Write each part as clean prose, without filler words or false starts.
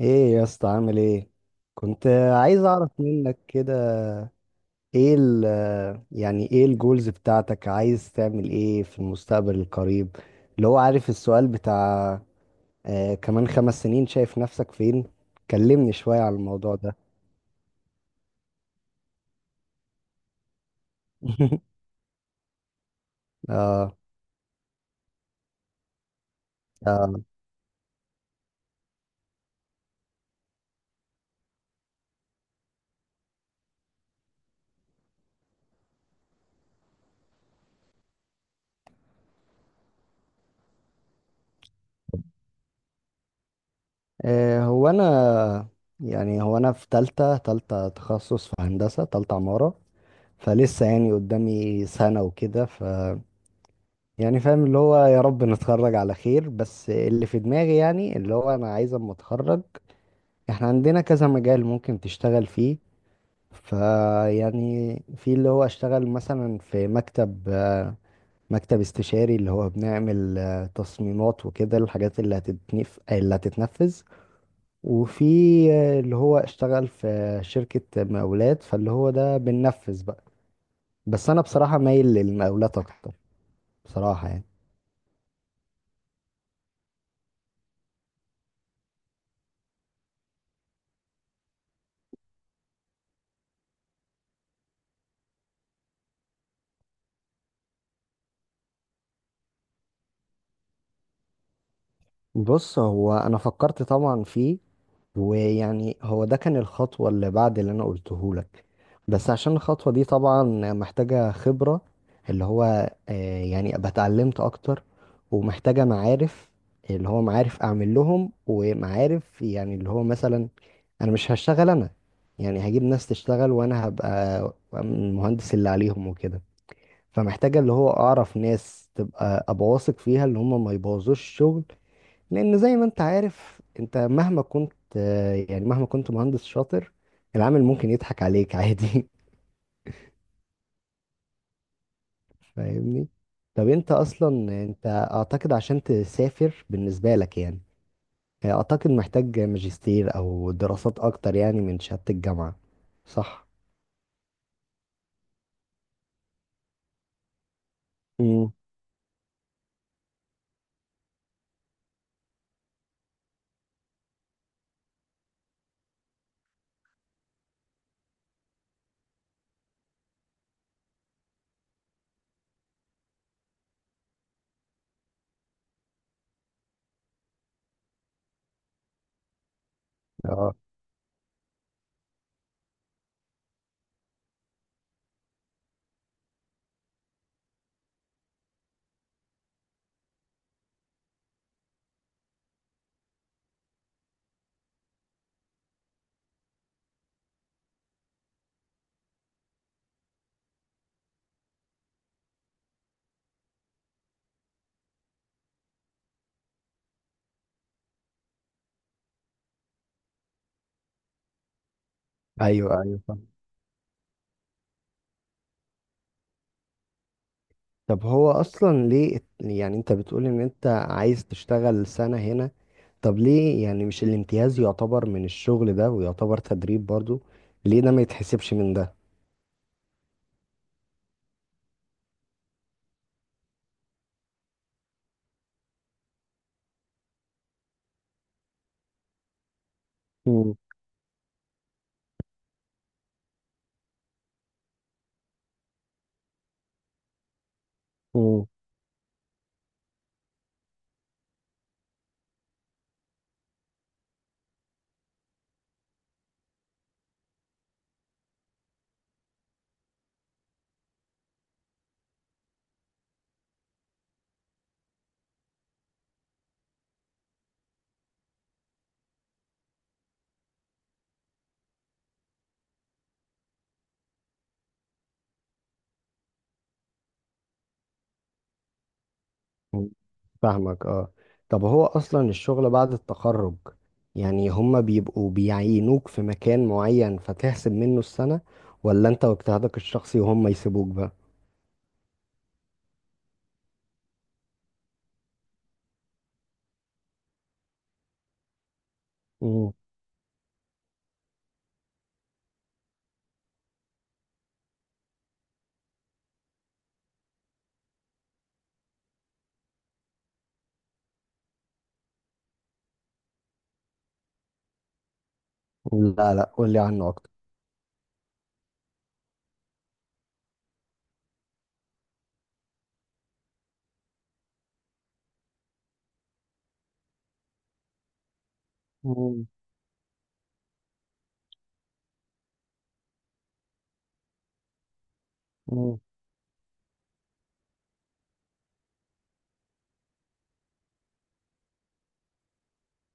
ايه يا اسطى، عامل ايه؟ كنت عايز اعرف منك كده. ايه ال يعني ايه الجولز بتاعتك، عايز تعمل ايه في المستقبل القريب؟ اللي هو عارف، السؤال بتاع كمان 5 سنين شايف نفسك فين. كلمني شوية على الموضوع ده. آه, آه, هو انا، يعني هو انا في تالتة، تالتة تخصص في هندسة، تالتة عمارة. فلسه يعني قدامي سنة وكده. يعني فاهم اللي هو يا رب نتخرج على خير، بس اللي في دماغي يعني اللي هو انا عايز اما اتخرج، احنا عندنا كذا مجال ممكن تشتغل فيه. فيعني في اللي هو اشتغل مثلا في مكتب استشاري اللي هو بنعمل تصميمات وكده، الحاجات اللي هتتنفذ. وفي اللي هو اشتغل في شركة مقاولات، فاللي هو ده بننفذ بقى. بس انا بصراحة مايل للمقاولات اكتر، بصراحة يعني. بص هو انا فكرت طبعا فيه، ويعني هو ده كان الخطوة اللي بعد اللي انا قلته لك. بس عشان الخطوة دي طبعا محتاجة خبرة، اللي هو يعني ابقى اتعلمت اكتر، ومحتاجة معارف، اللي هو معارف اعمل لهم، ومعارف يعني اللي هو مثلا انا مش هشتغل انا، يعني هجيب ناس تشتغل وانا هبقى المهندس اللي عليهم وكده. فمحتاجة اللي هو اعرف ناس تبقى ابقى واثق فيها، اللي هم ما يبوظوش الشغل. لان زي ما انت عارف، انت مهما كنت مهندس شاطر، العامل ممكن يضحك عليك عادي. فاهمني. طب انت اصلا انت اعتقد عشان تسافر بالنسبة لك يعني اعتقد محتاج ماجستير او دراسات اكتر يعني من شهادة الجامعة، صح؟ امم اه. ايوه ايوه. طب هو اصلا ليه انت بتقول ان انت عايز تشتغل سنة هنا، طب ليه يعني مش الامتياز يعتبر من الشغل ده ويعتبر تدريب برضو؟ ليه ده ما يتحسبش من ده؟ مم. مم. مم. فاهمك اه. طب هو اصلا الشغل بعد التخرج، يعني هما بيبقوا بيعينوك في مكان معين فتحسب منه السنة؟ ولا انت واجتهادك الشخصي وهم يسيبوك بقى؟ مم. لا لا، قولي عنه اكتر. مم. مم.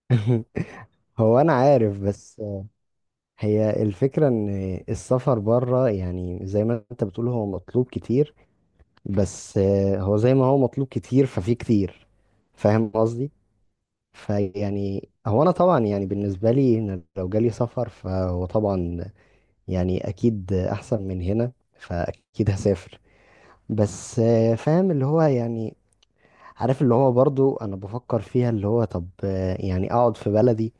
هو انا عارف، بس هي الفكرة ان السفر بره يعني زي ما انت بتقول هو مطلوب كتير، بس هو زي ما هو مطلوب كتير ففي كتير، فاهم قصدي. فيعني هو انا طبعا يعني بالنسبة لي ان لو جالي سفر فهو طبعا يعني اكيد احسن من هنا فاكيد هسافر. بس فاهم اللي هو يعني، عارف اللي هو برضو انا بفكر فيها، اللي هو طب يعني اقعد في بلدي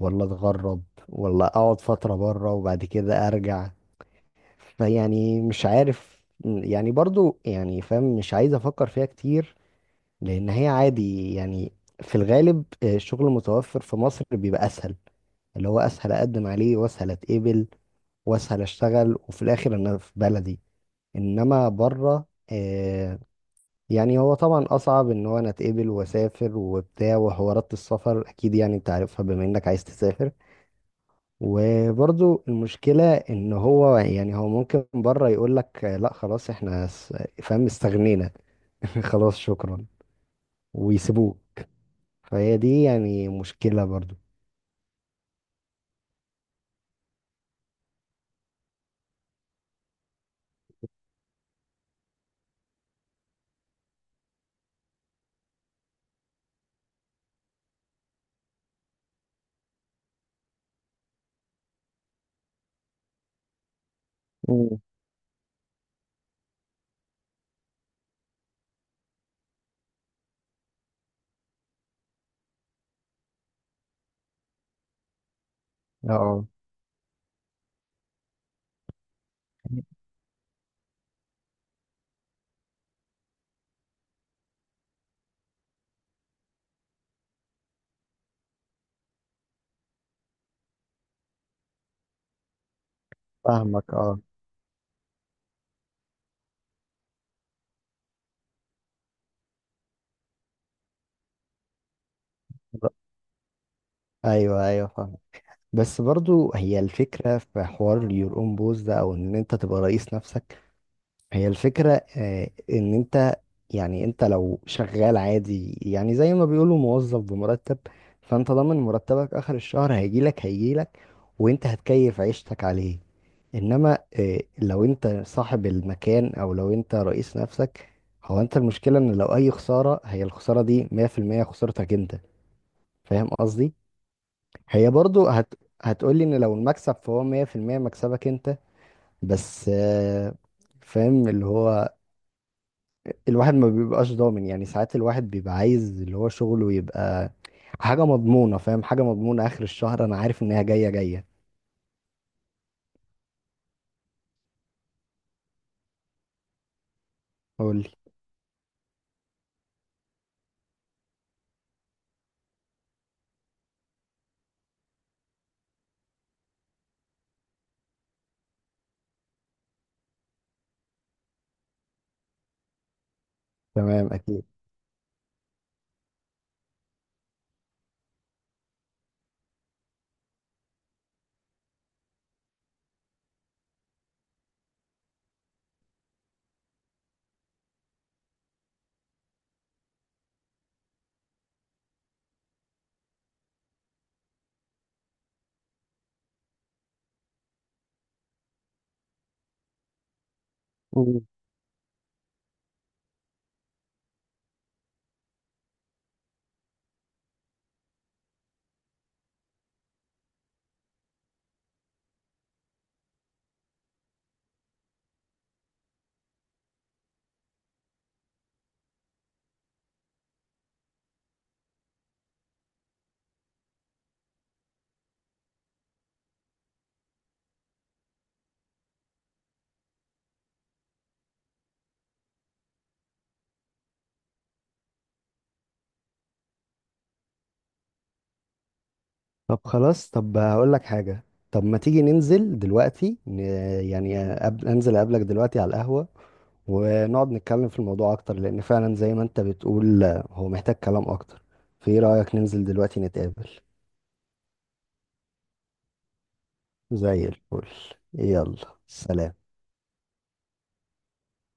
ولا اتغرب، ولا اقعد فترة بره وبعد كده ارجع؟ يعني مش عارف يعني، برضو يعني فاهم مش عايز افكر فيها كتير، لان هي عادي يعني. في الغالب الشغل المتوفر في مصر بيبقى اسهل، اللي هو اسهل اقدم عليه، واسهل اتقبل، واسهل اشتغل، وفي الاخر انا في بلدي. انما بره آه، يعني هو طبعا اصعب ان هو انا اتقبل واسافر وبتاع، وحوارات السفر اكيد يعني انت عارفها بما انك عايز تسافر. وبرضو المشكلة ان هو يعني هو ممكن بره يقول لك لا خلاص احنا فاهم، استغنينا. خلاص شكرا، ويسيبوه. فهي دي يعني مشكلة برضو. مم. اه فاهمك اه. ايوه ايوه فاهم. بس برضو هي الفكرة في حوار your own boss ده، او ان انت تبقى رئيس نفسك. هي الفكرة ان انت يعني انت لو شغال عادي يعني زي ما بيقولوا موظف بمرتب، فانت ضامن مرتبك اخر الشهر هيجيلك، وانت هتكيف عيشتك عليه. انما لو انت صاحب المكان او لو انت رئيس نفسك، هو انت المشكلة ان لو اي خسارة هي الخسارة دي 100% خسارتك انت، فاهم قصدي. هي برضو هتقولي ان لو المكسب فهو 100% مكسبك انت، بس فاهم اللي هو الواحد ما بيبقاش ضامن، يعني ساعات الواحد بيبقى عايز اللي هو شغله يبقى حاجة مضمونة، فاهم حاجة مضمونة آخر الشهر أنا عارف إن هي جاية جاية. قول لي. تمام أكيد. مم. طب خلاص، طب هقول لك حاجة. طب ما تيجي ننزل دلوقتي يعني أنزل أقابلك دلوقتي على القهوة، ونقعد نتكلم في الموضوع أكتر، لأن فعلا زي ما أنت بتقول هو محتاج كلام أكتر. فإيه رأيك ننزل دلوقتي نتقابل؟ زي الفل. يلا. سلام.